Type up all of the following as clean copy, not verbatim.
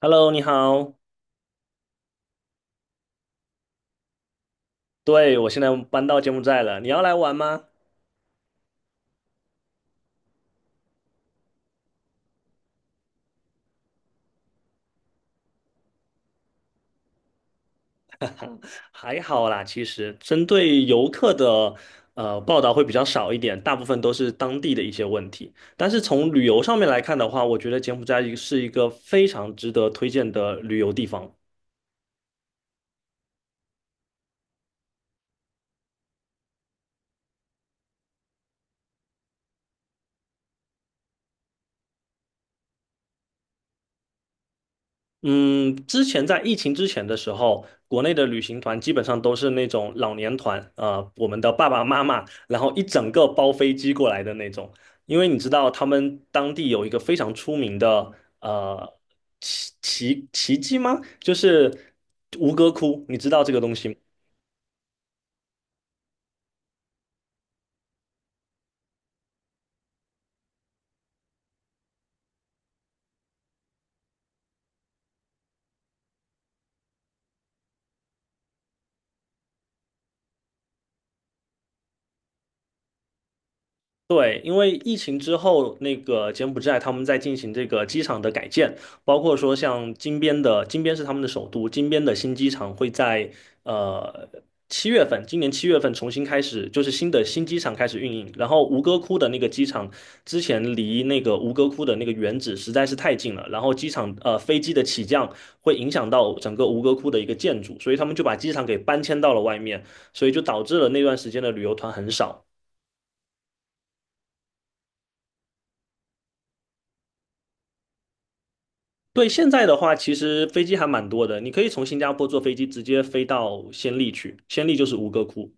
Hello，你好。对，我现在搬到柬埔寨了，你要来玩吗？还好啦，其实针对游客的报道会比较少一点，大部分都是当地的一些问题。但是从旅游上面来看的话，我觉得柬埔寨是一个非常值得推荐的旅游地方。嗯，之前在疫情之前的时候，国内的旅行团基本上都是那种老年团啊、我们的爸爸妈妈，然后一整个包飞机过来的那种。因为你知道，他们当地有一个非常出名的呃奇迹吗？就是吴哥窟，你知道这个东西吗？对，因为疫情之后，那个柬埔寨他们在进行这个机场的改建，包括说像金边的，金边是他们的首都，金边的新机场会在呃七月份，今年七月份重新开始，就是新机场开始运营。然后吴哥窟的那个机场之前离那个吴哥窟的那个原址实在是太近了，然后机场飞机的起降会影响到整个吴哥窟的一个建筑，所以他们就把机场给搬迁到了外面，所以就导致了那段时间的旅游团很少。对，现在的话，其实飞机还蛮多的，你可以从新加坡坐飞机直接飞到暹粒去，暹粒就是吴哥窟，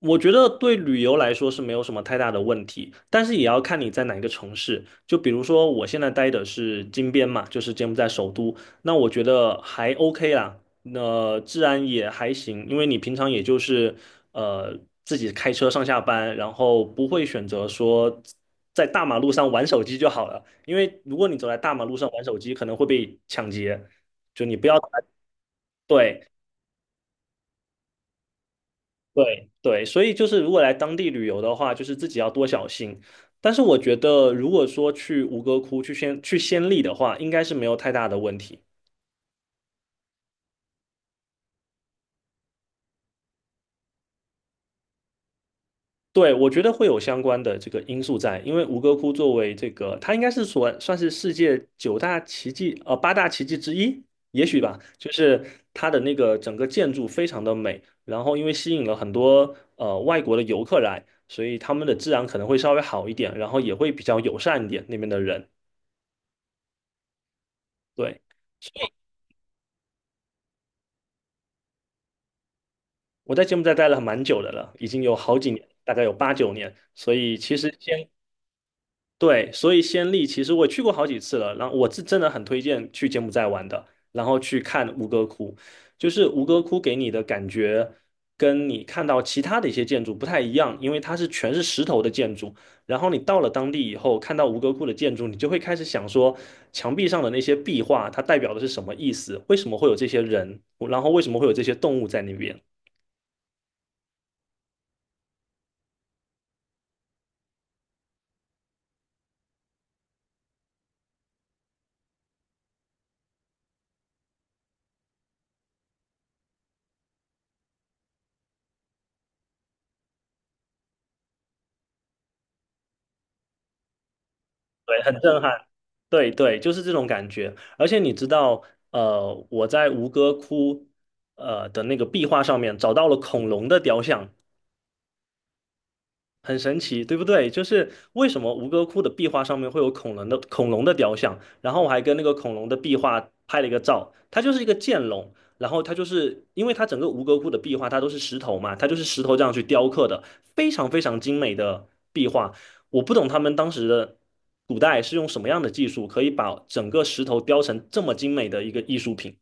我觉得对旅游来说是没有什么太大的问题，但是也要看你在哪一个城市。就比如说我现在待的是金边嘛，就是柬埔寨首都，那我觉得还 OK 啦，那、治安也还行，因为你平常也就是呃自己开车上下班，然后不会选择说在大马路上玩手机就好了，因为如果你走在大马路上玩手机，可能会被抢劫，就你不要，对，对对，所以就是如果来当地旅游的话，就是自己要多小心。但是我觉得，如果说去吴哥窟、去先去仙历的话，应该是没有太大的问题。对，我觉得会有相关的这个因素在，因为吴哥窟作为这个，它应该是算是世界九大奇迹，八大奇迹之一，也许吧。就是它的那个整个建筑非常的美，然后因为吸引了很多外国的游客来，所以他们的治安可能会稍微好一点，然后也会比较友善一点那边的人。对。我在柬埔寨待了蛮久的了，已经有好几年，大概有8、9年。所以其实先对，所以先例其实我也去过好几次了。然后我是真的很推荐去柬埔寨玩的，然后去看吴哥窟，就是吴哥窟给你的感觉跟你看到其他的一些建筑不太一样，因为它是全是石头的建筑。然后你到了当地以后，看到吴哥窟的建筑，你就会开始想说，墙壁上的那些壁画，它代表的是什么意思？为什么会有这些人？然后为什么会有这些动物在那边？对，很震撼。对对，就是这种感觉。而且你知道，我在吴哥窟的那个壁画上面找到了恐龙的雕像，很神奇，对不对？就是为什么吴哥窟的壁画上面会有恐龙的雕像，然后我还跟那个恐龙的壁画拍了一个照，它就是一个剑龙，然后它就是因为它整个吴哥窟的壁画它都是石头嘛，它就是石头这样去雕刻的，非常非常精美的壁画。我不懂他们当时的古代是用什么样的技术，可以把整个石头雕成这么精美的一个艺术品。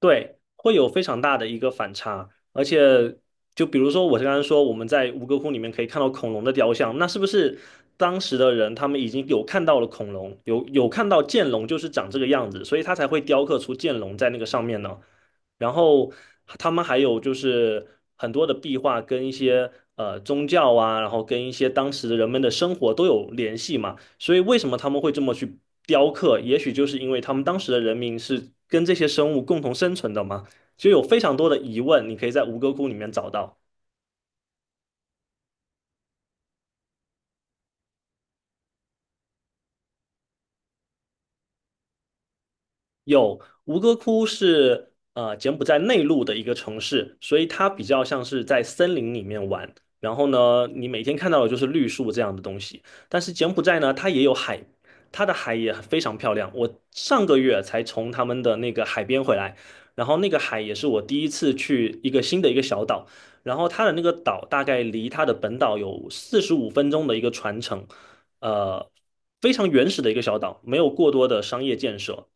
对，会有非常大的一个反差，而且就比如说我刚刚说我们在吴哥窟里面可以看到恐龙的雕像，那是不是当时的人他们已经有看到了恐龙，有看到剑龙就是长这个样子，所以他才会雕刻出剑龙在那个上面呢？然后他们还有就是很多的壁画跟一些宗教啊，然后跟一些当时的人们的生活都有联系嘛。所以为什么他们会这么去雕刻？也许就是因为他们当时的人民是跟这些生物共同生存的嘛，就有非常多的疑问，你可以在吴哥窟里面找到。有吴哥窟是柬埔寨内陆的一个城市，所以它比较像是在森林里面玩。然后呢，你每天看到的就是绿树这样的东西。但是柬埔寨呢，它也有海，它的海也非常漂亮。我上个月才从他们的那个海边回来，然后那个海也是我第一次去一个新的一个小岛。然后它的那个岛大概离它的本岛有四十五分钟的一个船程，呃，非常原始的一个小岛，没有过多的商业建设。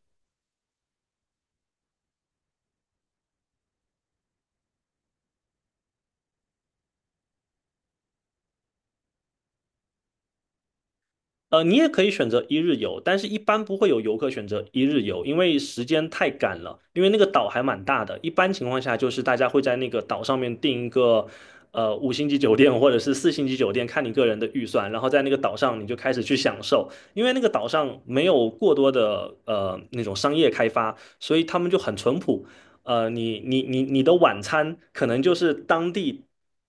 你也可以选择一日游，但是一般不会有游客选择一日游，因为时间太赶了。因为那个岛还蛮大的，一般情况下就是大家会在那个岛上面订一个5星级酒店或者是4星级酒店，看你个人的预算，然后在那个岛上你就开始去享受。因为那个岛上没有过多的那种商业开发，所以他们就很淳朴。你的晚餐可能就是当地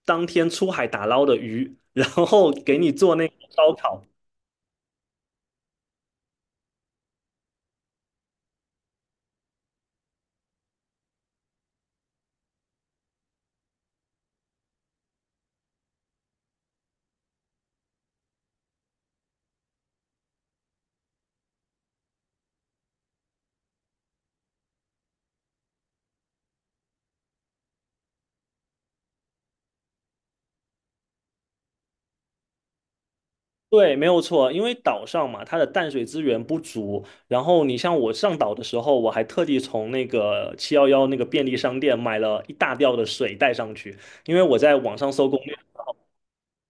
当天出海打捞的鱼，然后给你做那个烧烤。对，没有错，因为岛上嘛，它的淡水资源不足。然后你像我上岛的时候，我还特地从那个7-Eleven那个便利商店买了一大吊的水带上去，因为我在网上搜攻略。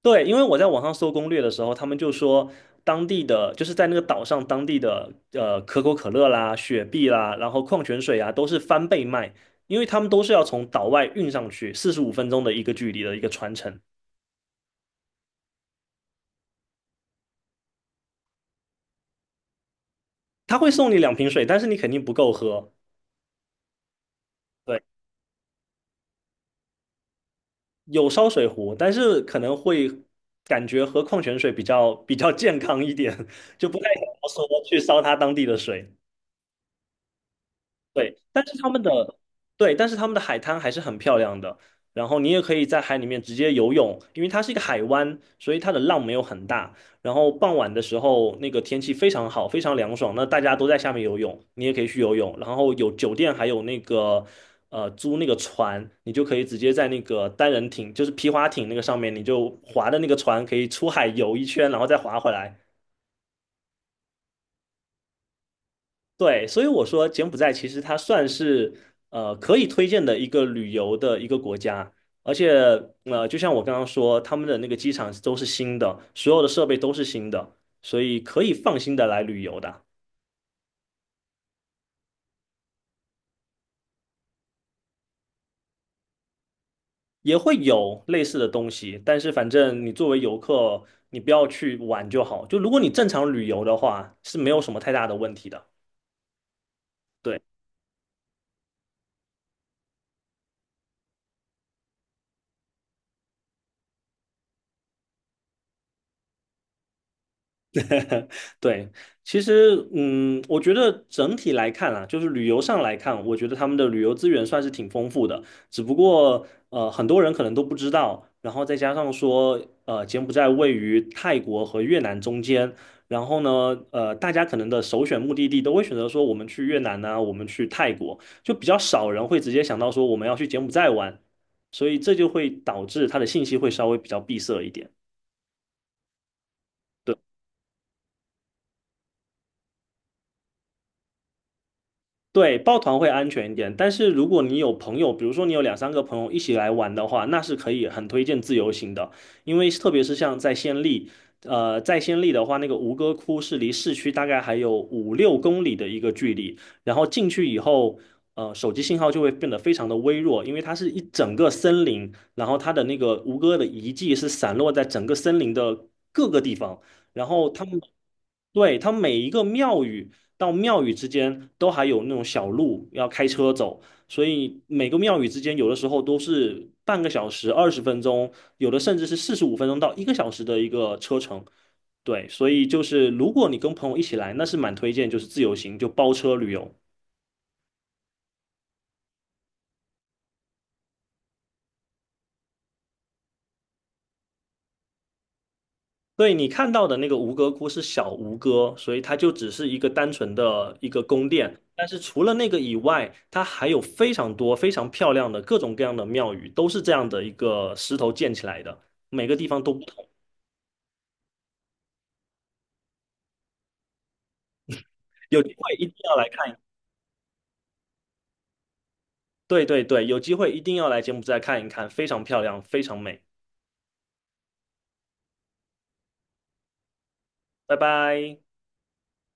对，因为我在网上搜攻略的时候，他们就说当地的就是在那个岛上当地的可口可乐啦、雪碧啦，然后矿泉水啊都是翻倍卖，因为他们都是要从岛外运上去，四十五分钟的一个距离的一个传承。他会送你两瓶水，但是你肯定不够喝。对。有烧水壶，但是可能会感觉喝矿泉水比较健康一点，就不太想要说去烧它当地的水。对，但是他们的对，但是他们的海滩还是很漂亮的。然后你也可以在海里面直接游泳，因为它是一个海湾，所以它的浪没有很大。然后傍晚的时候，那个天气非常好，非常凉爽，那大家都在下面游泳，你也可以去游泳。然后有酒店，还有那个租那个船，你就可以直接在那个单人艇，就是皮划艇那个上面，你就划的那个船可以出海游一圈，然后再划回来，对，所以我说柬埔寨其实它算是可以推荐的一个旅游的一个国家，而且就像我刚刚说，他们的那个机场都是新的，所有的设备都是新的，所以可以放心的来旅游的，也会有类似的东西，但是反正你作为游客，你不要去玩就好。就如果你正常旅游的话，是没有什么太大的问题的。对。对，其实，我觉得整体来看啊，就是旅游上来看，我觉得他们的旅游资源算是挺丰富的。只不过，很多人可能都不知道，然后再加上说，柬埔寨位于泰国和越南中间，然后呢，大家可能的首选目的地都会选择说我们去越南呢、我们去泰国，就比较少人会直接想到说我们要去柬埔寨玩，所以这就会导致它的信息会稍微比较闭塞一点。对。对，抱团会安全一点，但是如果你有朋友，比如说你有两三个朋友一起来玩的话，那是可以很推荐自由行的，因为特别是像在暹粒，在暹粒的话，那个吴哥窟是离市区大概还有5、6公里的一个距离，然后进去以后，手机信号就会变得非常的微弱，因为它是一整个森林，然后它的那个吴哥的遗迹是散落在整个森林的各个地方，然后他们。对，它每一个庙宇，到庙宇之间都还有那种小路要开车走，所以每个庙宇之间有的时候都是半个小时、20分钟，有的甚至是四十五分钟到一个小时的一个车程。对，所以就是如果你跟朋友一起来，那是蛮推荐，就是自由行，就包车旅游。对你看到的那个吴哥窟是小吴哥，所以它就只是一个单纯的一个宫殿。但是除了那个以外，它还有非常多非常漂亮的各种各样的庙宇，都是这样的一个石头建起来的，每个地方都不同。有机会一定要来看，对对对，有机会一定要来柬埔寨看一看，非常漂亮，非常美。拜拜。